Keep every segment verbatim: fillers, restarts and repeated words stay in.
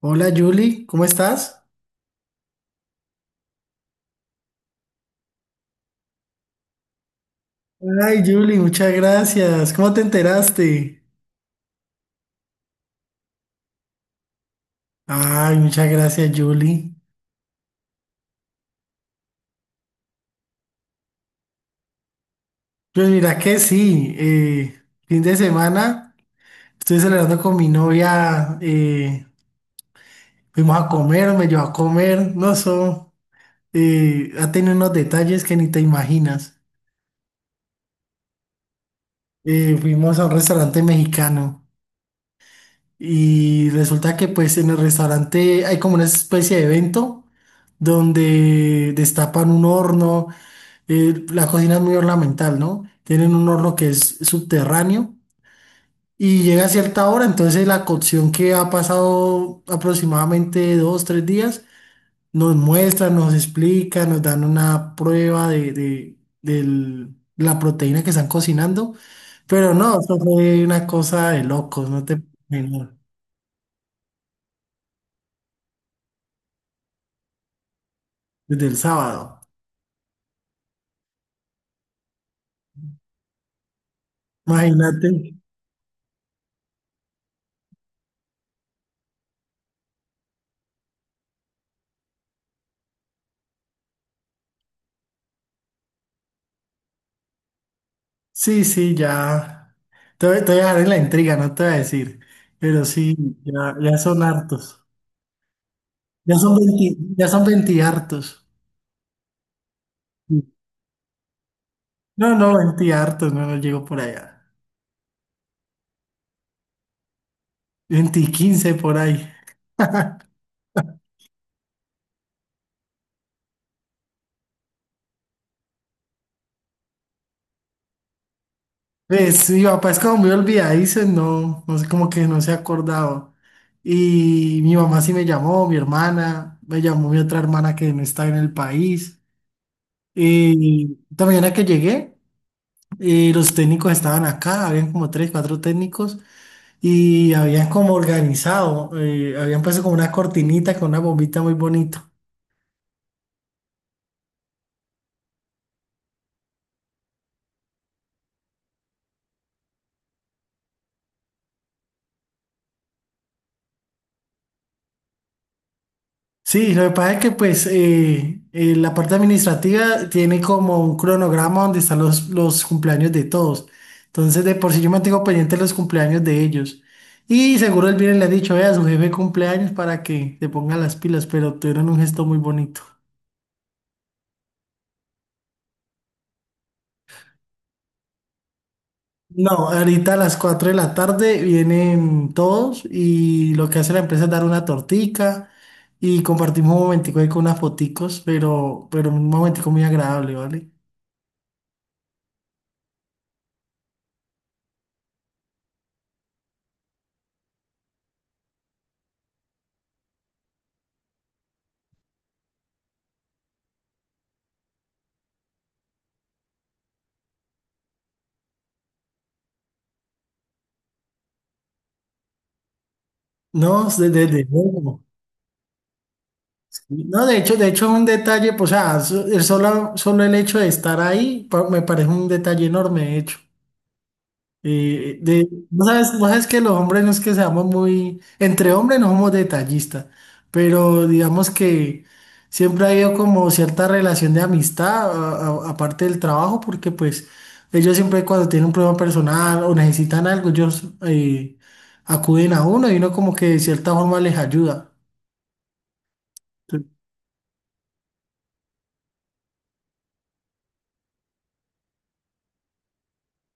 Hola Julie, ¿cómo estás? Ay Julie, muchas gracias. ¿Cómo te enteraste? Ay, muchas gracias Julie. Pues mira que sí, eh, fin de semana estoy celebrando con mi novia, eh, fuimos a comer, me llevó a comer, no sé, eh, ha tenido unos detalles que ni te imaginas. Eh, fuimos a un restaurante mexicano y resulta que pues en el restaurante hay como una especie de evento donde destapan un horno. Eh, la cocina es muy ornamental, ¿no? Tienen un horno que es subterráneo y llega a cierta hora, entonces la cocción que ha pasado aproximadamente dos, tres días, nos muestra, nos explica, nos dan una prueba de, de- del- la proteína que están cocinando, pero no, eso fue una cosa de locos, no te imaginas, desde el sábado, imagínate. Sí, sí, ya. Te voy, te voy a dejar en la intriga, no te voy a decir. Pero sí, ya, ya son hartos. Ya son veinte, ya son veinte hartos. No, no, veinte hartos, no, no llego por allá. veinte y quince por ahí. Pues mi papá es como muy olvidadizo, no, no sé, como que no se ha acordado. Y mi mamá sí me llamó, mi hermana, me llamó mi otra hermana que no está en el país. Y esta mañana que llegué, eh, los técnicos estaban acá, habían como tres, cuatro técnicos. Y habían como organizado, eh, habían puesto como una cortinita con una bombita muy bonito. Sí, lo que pasa es que pues eh, eh, la parte administrativa tiene como un cronograma donde están los, los cumpleaños de todos. Entonces de por sí yo mantengo pendiente los cumpleaños de ellos. Y seguro el viernes le ha dicho, vea, su jefe cumpleaños para que te ponga las pilas, pero tuvieron un gesto muy bonito. No, ahorita a las cuatro de la tarde vienen todos y lo que hace la empresa es dar una tortica y compartimos un momentico ahí con unas foticos, pero, pero un momentico muy agradable, ¿vale? No, desde luego. No, de hecho, de hecho es un detalle, pues, o sea, so- el solo, solo el hecho de estar ahí pa- me parece un detalle enorme, de hecho. Eh, de, no sabes, vos sabes que los hombres no es que seamos muy, entre hombres no somos detallistas, pero digamos que siempre ha habido como cierta relación de amistad, a- a- aparte del trabajo, porque pues ellos siempre cuando tienen un problema personal o necesitan algo, ellos eh, acuden a uno y uno como que de cierta forma les ayuda.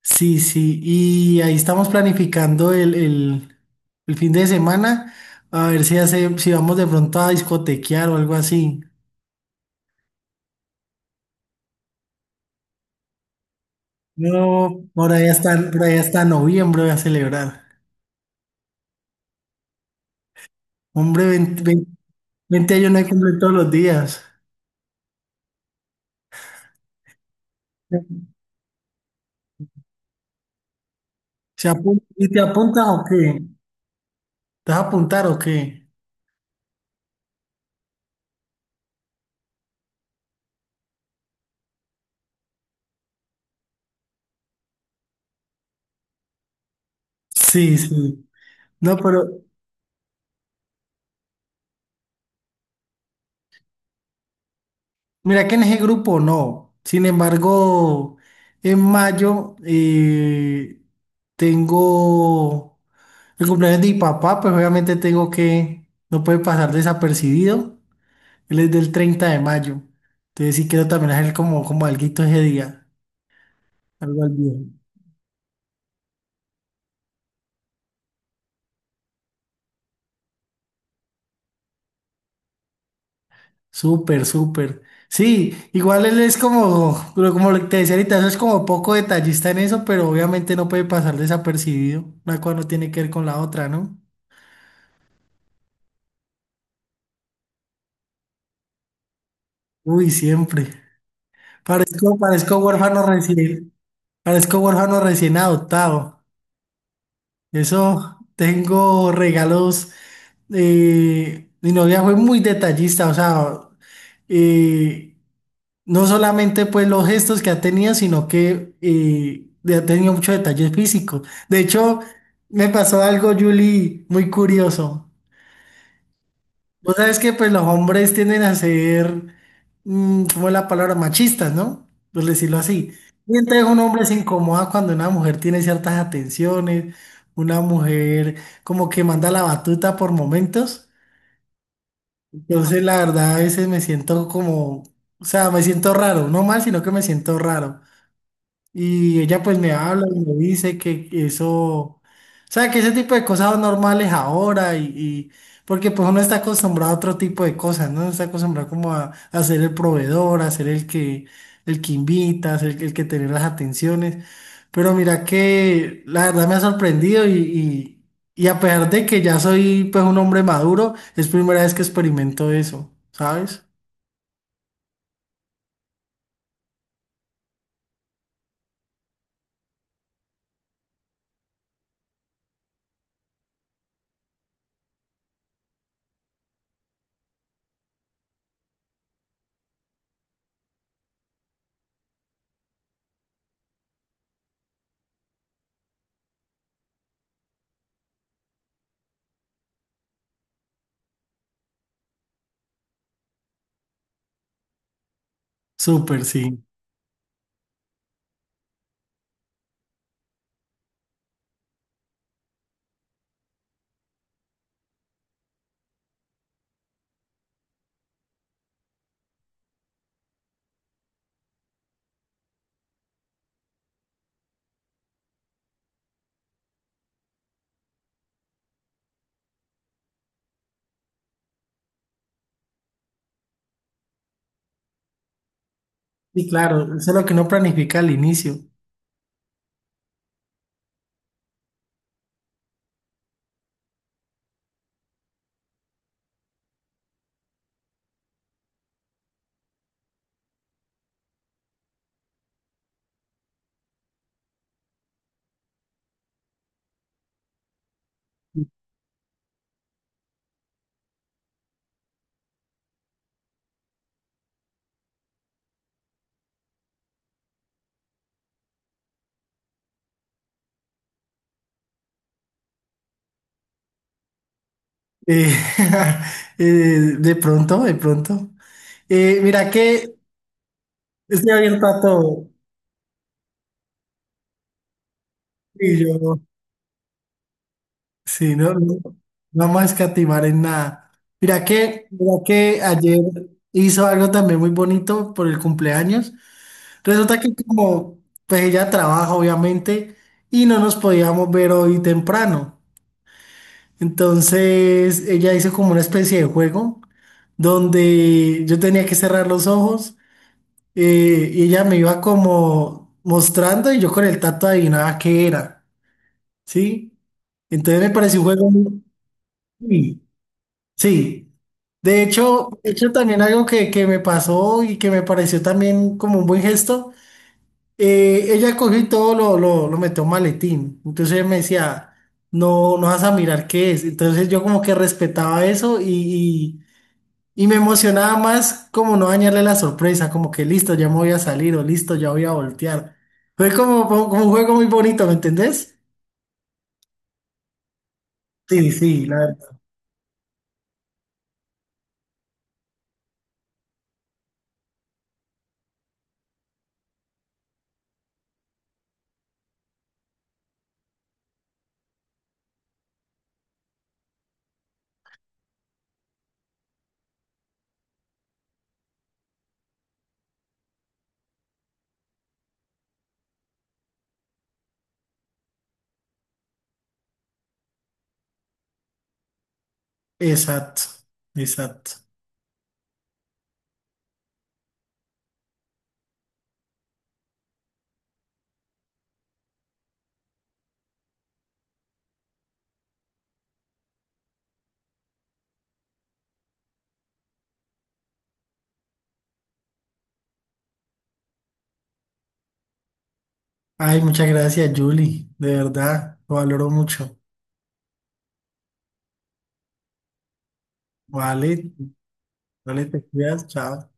Sí, sí, y ahí estamos planificando el, el- el fin de semana, a ver si hace, si vamos de pronto a discotequear o algo así. No, por allá está, por allá está noviembre voy a celebrar. Hombre, veinte 20, veinte años no hay cumplir todos los días. ¿Se apun- ¿Y te apuntas o qué? ¿Te vas a apuntar o qué? Sí, sí. No, pero mira que en ese grupo no. Sin embargo, en mayo eh, tengo el cumpleaños de mi papá, pues obviamente tengo que, no puede pasar desapercibido. Él es del treinta de mayo. Entonces sí quiero también hacer como, como alguito ese día. Algo al día. Súper, súper. Sí, igual él es como, pero como te decía ahorita, eso es como poco detallista en eso, pero obviamente no puede pasar desapercibido. Una cosa no tiene que ver con la otra, ¿no? Uy, siempre. Parezco, parezco huérfano recién, parezco huérfano recién adoptado. Eso, tengo regalos. eh, mi novia fue muy detallista, o sea, eh, no solamente pues los gestos que ha tenido, sino que eh, de- ha tenido muchos detalles físicos. De hecho, me pasó algo, Julie, muy curioso. Vos sabes que pues los hombres tienden a ser, mm, ¿cómo es la palabra? Machistas, ¿no? Por decirlo así. Y entonces un hombre se incomoda cuando una mujer tiene ciertas atenciones, una mujer como que manda la batuta por momentos. Entonces, la verdad, a veces me siento como, o sea, me siento raro, no mal, sino que me siento raro. Y ella pues me habla y me dice que eso, o sea, que ese tipo de cosas son normales ahora y, y- porque pues uno está acostumbrado a otro tipo de cosas, ¿no? Uno está acostumbrado como a, a ser el proveedor, a ser el que, el que invita, a ser el, el que tener las atenciones. Pero mira que la verdad me ha sorprendido y, y, y a pesar de que ya soy pues un hombre maduro, es primera vez que experimento eso, ¿sabes? Súper, sí. Y claro, eso es lo que uno planifica al inicio. Eh, eh, de pronto, de pronto. Eh, mira que estoy abierto a todo. Y yo, no, sí, no, no, no vamos a escatimar en nada. Mira que, mira que ayer hizo algo también muy bonito por el cumpleaños. Resulta que como pues ella trabaja, obviamente, y no nos podíamos ver hoy temprano. Entonces, ella hizo como una especie de juego donde yo tenía que cerrar los ojos eh, y ella me iba como mostrando y yo con el tacto adivinaba qué era, ¿sí? Entonces me pareció un juego muy... Sí, sí. De hecho, de hecho también algo que, que me pasó y que me pareció también como un buen gesto, eh, ella cogió y todo lo, lo, lo metió en un maletín. Entonces ella me decía, no, no vas a mirar qué es. Entonces yo como que respetaba eso, y Y me emocionaba más como no dañarle la sorpresa, como que listo, ya me voy a salir o listo, ya voy a voltear. Fue como, como como un juego muy bonito, ¿me entendés? Sí, sí, la verdad. Exacto, exacto. Ay, muchas gracias, Julie, de verdad, lo valoro mucho. Vale, vale, te cuidas, chao.